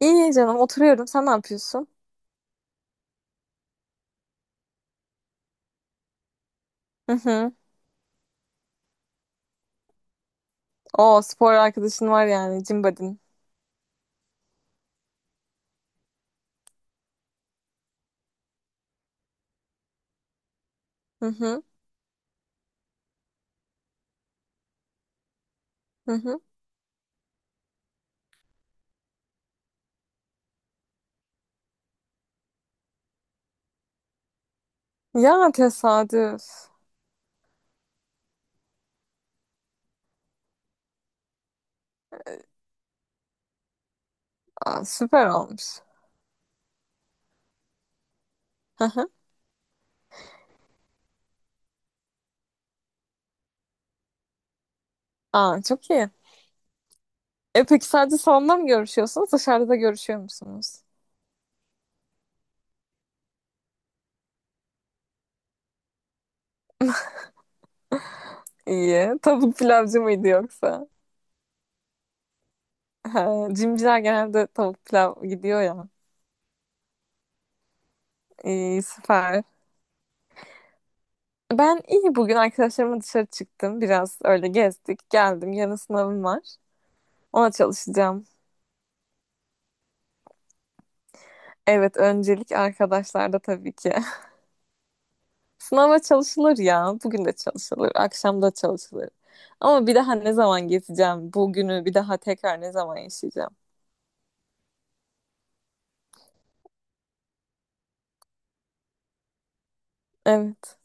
İyi canım oturuyorum. Sen ne yapıyorsun? Hı hı. O spor arkadaşın var yani Cimbadin. Hı hı. Hı hı. Ya tesadüf. Aa, süper olmuş. Hı hı. Aa, çok iyi. E peki sadece salonda mı görüşüyorsunuz? Dışarıda da görüşüyor musunuz? İyi. Tavuk pilavcı mıydı yoksa? Ha, Cimciler genelde tavuk pilav gidiyor ya. İyi, süper. Ben iyi bugün arkadaşlarımla dışarı çıktım. Biraz öyle gezdik. Geldim. Yarın sınavım var. Ona çalışacağım. Evet, öncelik arkadaşlarda tabii ki. Sınava çalışılır ya. Bugün de çalışılır, akşam da çalışılır. Ama bir daha ne zaman gezeceğim? Bugünü bir daha tekrar ne zaman yaşayacağım? Evet.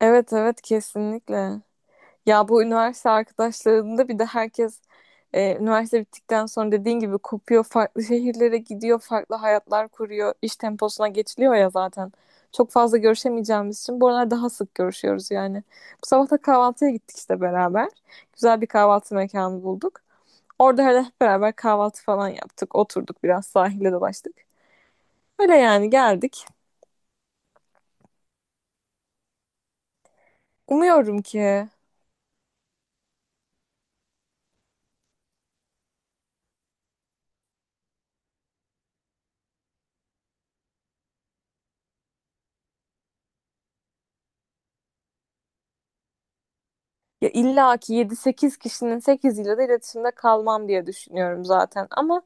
Evet, evet kesinlikle. Ya bu üniversite arkadaşlarında bir de herkes. Üniversite bittikten sonra dediğin gibi kopuyor, farklı şehirlere gidiyor, farklı hayatlar kuruyor, iş temposuna geçiliyor ya zaten. Çok fazla görüşemeyeceğimiz için bu aralar daha sık görüşüyoruz yani. Bu sabah da kahvaltıya gittik işte beraber. Güzel bir kahvaltı mekanı bulduk. Orada hele hep beraber kahvaltı falan yaptık, oturduk biraz sahile dolaştık. Öyle yani geldik. Umuyorum ki. Ya illa ki yedi sekiz kişinin 8'iyle de iletişimde kalmam diye düşünüyorum zaten. Ama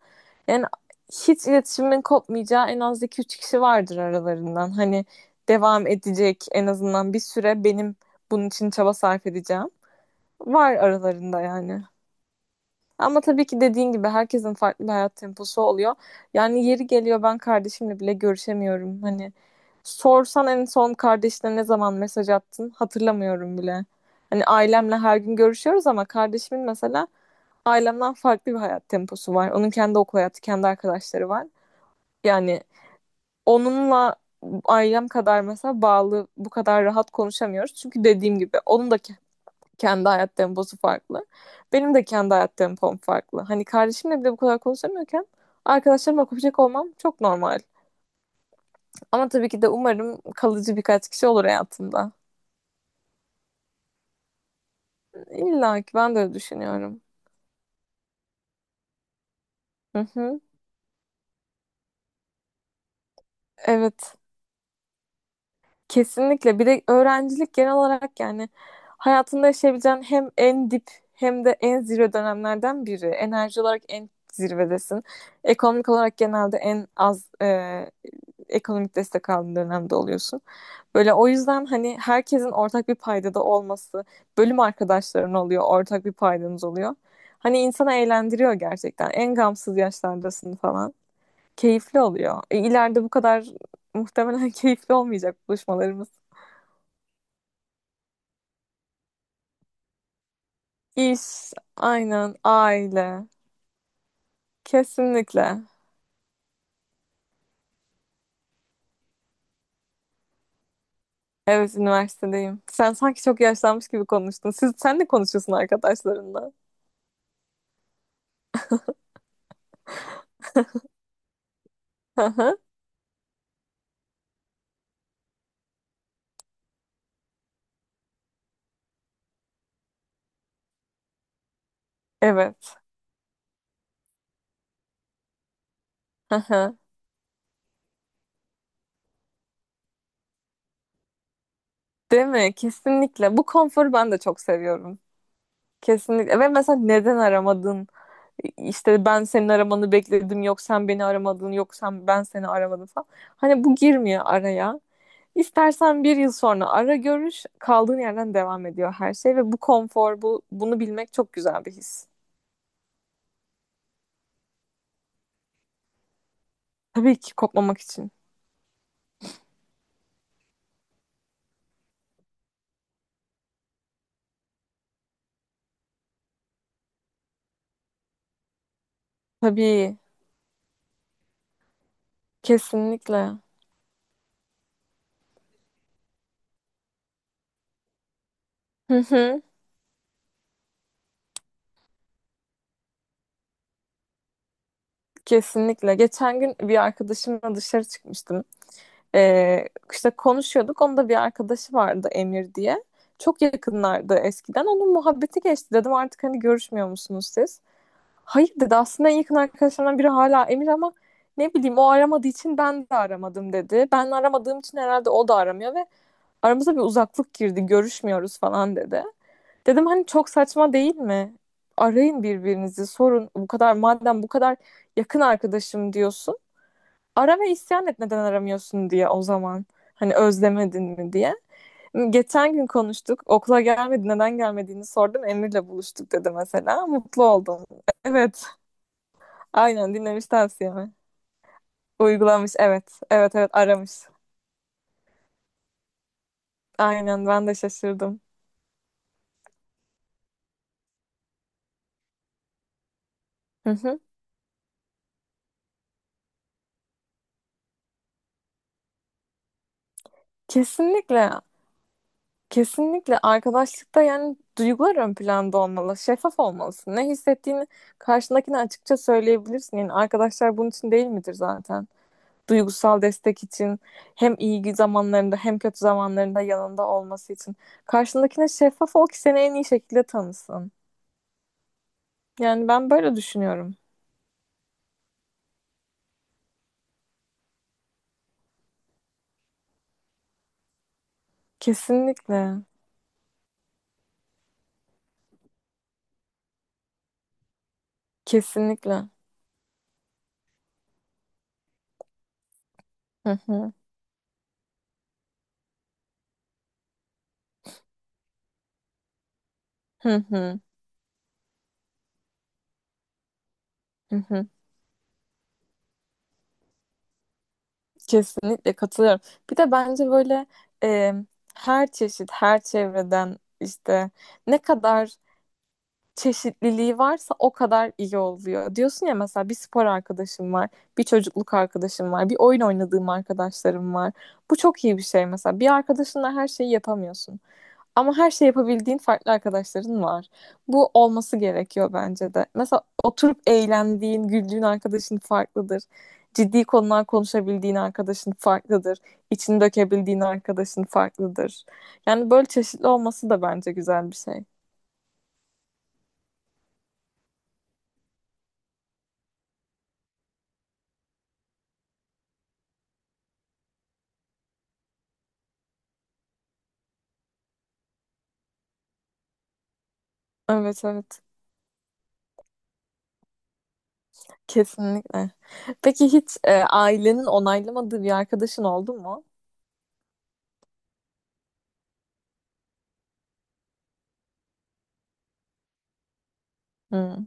yani hiç iletişimin kopmayacağı en az iki üç kişi vardır aralarından. Hani devam edecek en azından bir süre, benim bunun için çaba sarf edeceğim. Var aralarında yani. Ama tabii ki dediğin gibi herkesin farklı bir hayat temposu oluyor. Yani yeri geliyor, ben kardeşimle bile görüşemiyorum. Hani sorsan en son kardeşine ne zaman mesaj attın, hatırlamıyorum bile. Hani ailemle her gün görüşüyoruz ama kardeşimin mesela ailemden farklı bir hayat temposu var. Onun kendi okul hayatı, kendi arkadaşları var. Yani onunla ailem kadar mesela bağlı, bu kadar rahat konuşamıyoruz. Çünkü dediğim gibi onun da kendi hayat temposu farklı. Benim de kendi hayat tempom farklı. Hani kardeşimle bile bu kadar konuşamıyorken arkadaşlarıma kopacak olmam çok normal. Ama tabii ki de umarım kalıcı birkaç kişi olur hayatımda. İlla ki ben de öyle düşünüyorum. Hı hı. Evet. Kesinlikle. Bir de öğrencilik genel olarak yani hayatında yaşayabileceğin hem en dip hem de en zirve dönemlerden biri. Enerji olarak en zirvedesin. Ekonomik olarak genelde en az ekonomik destek aldığın dönemde oluyorsun. Böyle, o yüzden hani herkesin ortak bir paydada olması, bölüm arkadaşların oluyor, ortak bir paydanız oluyor. Hani insana eğlendiriyor gerçekten. En gamsız yaşlardasın falan. Keyifli oluyor. İleride bu kadar muhtemelen keyifli olmayacak buluşmalarımız. İş, aynen, aile. Kesinlikle. Evet, üniversitedeyim. Sen sanki çok yaşlanmış gibi konuştun. Siz, sen de konuşuyorsun arkadaşlarınla. Hı hı. Evet. Hı hı. Değil mi? Kesinlikle. Bu konforu ben de çok seviyorum. Kesinlikle. Ve mesela neden aramadın? İşte ben senin aramanı bekledim. Yok sen beni aramadın. Yok sen, ben seni aramadım falan. Hani bu girmiyor araya. İstersen bir yıl sonra ara görüş, kaldığın yerden devam ediyor her şey ve bu konfor, bunu bilmek çok güzel bir his. Tabii ki kopmamak için. Tabii, kesinlikle. Hı hı, kesinlikle. Geçen gün bir arkadaşımla dışarı çıkmıştım. Ee, işte konuşuyorduk. Onun da bir arkadaşı vardı, Emir diye. Çok yakınlardı eskiden. Onun muhabbeti geçti. Dedim artık hani görüşmüyor musunuz siz? Hayır dedi, aslında en yakın arkadaşlarımdan biri hala Emir ama ne bileyim, o aramadığı için ben de aramadım dedi. Ben aramadığım için herhalde o da aramıyor ve aramıza bir uzaklık girdi, görüşmüyoruz falan dedi. Dedim hani çok saçma değil mi? Arayın birbirinizi, sorun bu kadar, madem bu kadar yakın arkadaşım diyorsun. Ara ve isyan et, neden aramıyorsun diye o zaman. Hani özlemedin mi diye. Geçen gün konuştuk. Okula gelmedi, neden gelmediğini sordum. Emir'le buluştuk dedi mesela. Mutlu oldum. Evet. Aynen dinlemiş tavsiyemi. Uygulamış, evet. Evet, evet, aramış. Aynen, ben de şaşırdım. Hı hı. Kesinlikle. Kesinlikle, arkadaşlıkta yani duygular ön planda olmalı. Şeffaf olmalısın. Ne hissettiğini karşındakine açıkça söyleyebilirsin. Yani arkadaşlar bunun için değil midir zaten? Duygusal destek için hem iyi zamanlarında hem kötü zamanlarında yanında olması için. Karşındakine şeffaf ol ki seni en iyi şekilde tanısın. Yani ben böyle düşünüyorum. Kesinlikle. Kesinlikle. Hı hı, hı hı, hı hı. Kesinlikle katılıyorum. Bir de bence böyle e, her çeşit, her çevreden işte ne kadar çeşitliliği varsa o kadar iyi oluyor. Diyorsun ya, mesela bir spor arkadaşım var, bir çocukluk arkadaşım var, bir oyun oynadığım arkadaşlarım var. Bu çok iyi bir şey mesela. Bir arkadaşınla her şeyi yapamıyorsun. Ama her şey yapabildiğin farklı arkadaşların var. Bu olması gerekiyor bence de. Mesela oturup eğlendiğin, güldüğün arkadaşın farklıdır. Ciddi konular konuşabildiğin arkadaşın farklıdır. İçini dökebildiğin arkadaşın farklıdır. Yani böyle çeşitli olması da bence güzel bir şey. Evet, evet. Kesinlikle. Peki hiç ailenin onaylamadığı bir arkadaşın oldu mu? Hmm.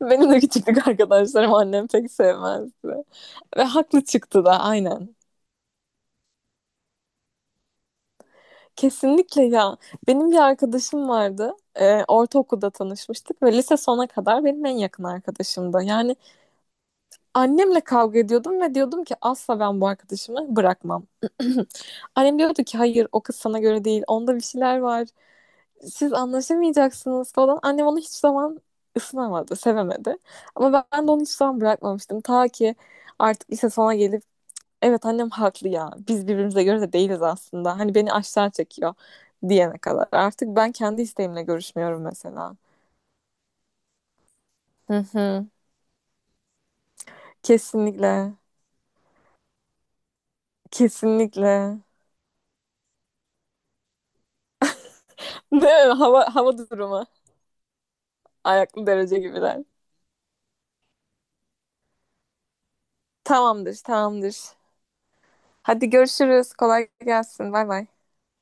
Benim de küçüklük arkadaşlarım, annem pek sevmezdi. Ve haklı çıktı da, aynen. Kesinlikle ya. Benim bir arkadaşım vardı. Ortaokulda tanışmıştık ve lise sona kadar benim en yakın arkadaşımdı. Yani annemle kavga ediyordum ve diyordum ki asla ben bu arkadaşımı bırakmam. Annem diyordu ki hayır, o kız sana göre değil. Onda bir şeyler var. Siz anlaşamayacaksınız falan. Annem onu hiç zaman ısınamadı, sevemedi. Ama ben de onu hiç zaman bırakmamıştım. Ta ki artık lise sona gelip, evet annem haklı ya. Biz birbirimize göre de değiliz aslında. Hani beni aşağı çekiyor diyene kadar. Artık ben kendi isteğimle görüşmüyorum mesela. Hı hı. Kesinlikle. Kesinlikle. Değil mi? Hava durumu. Ayaklı derece gibiler. Tamamdır, tamamdır. Hadi görüşürüz. Kolay gelsin. Bay bay.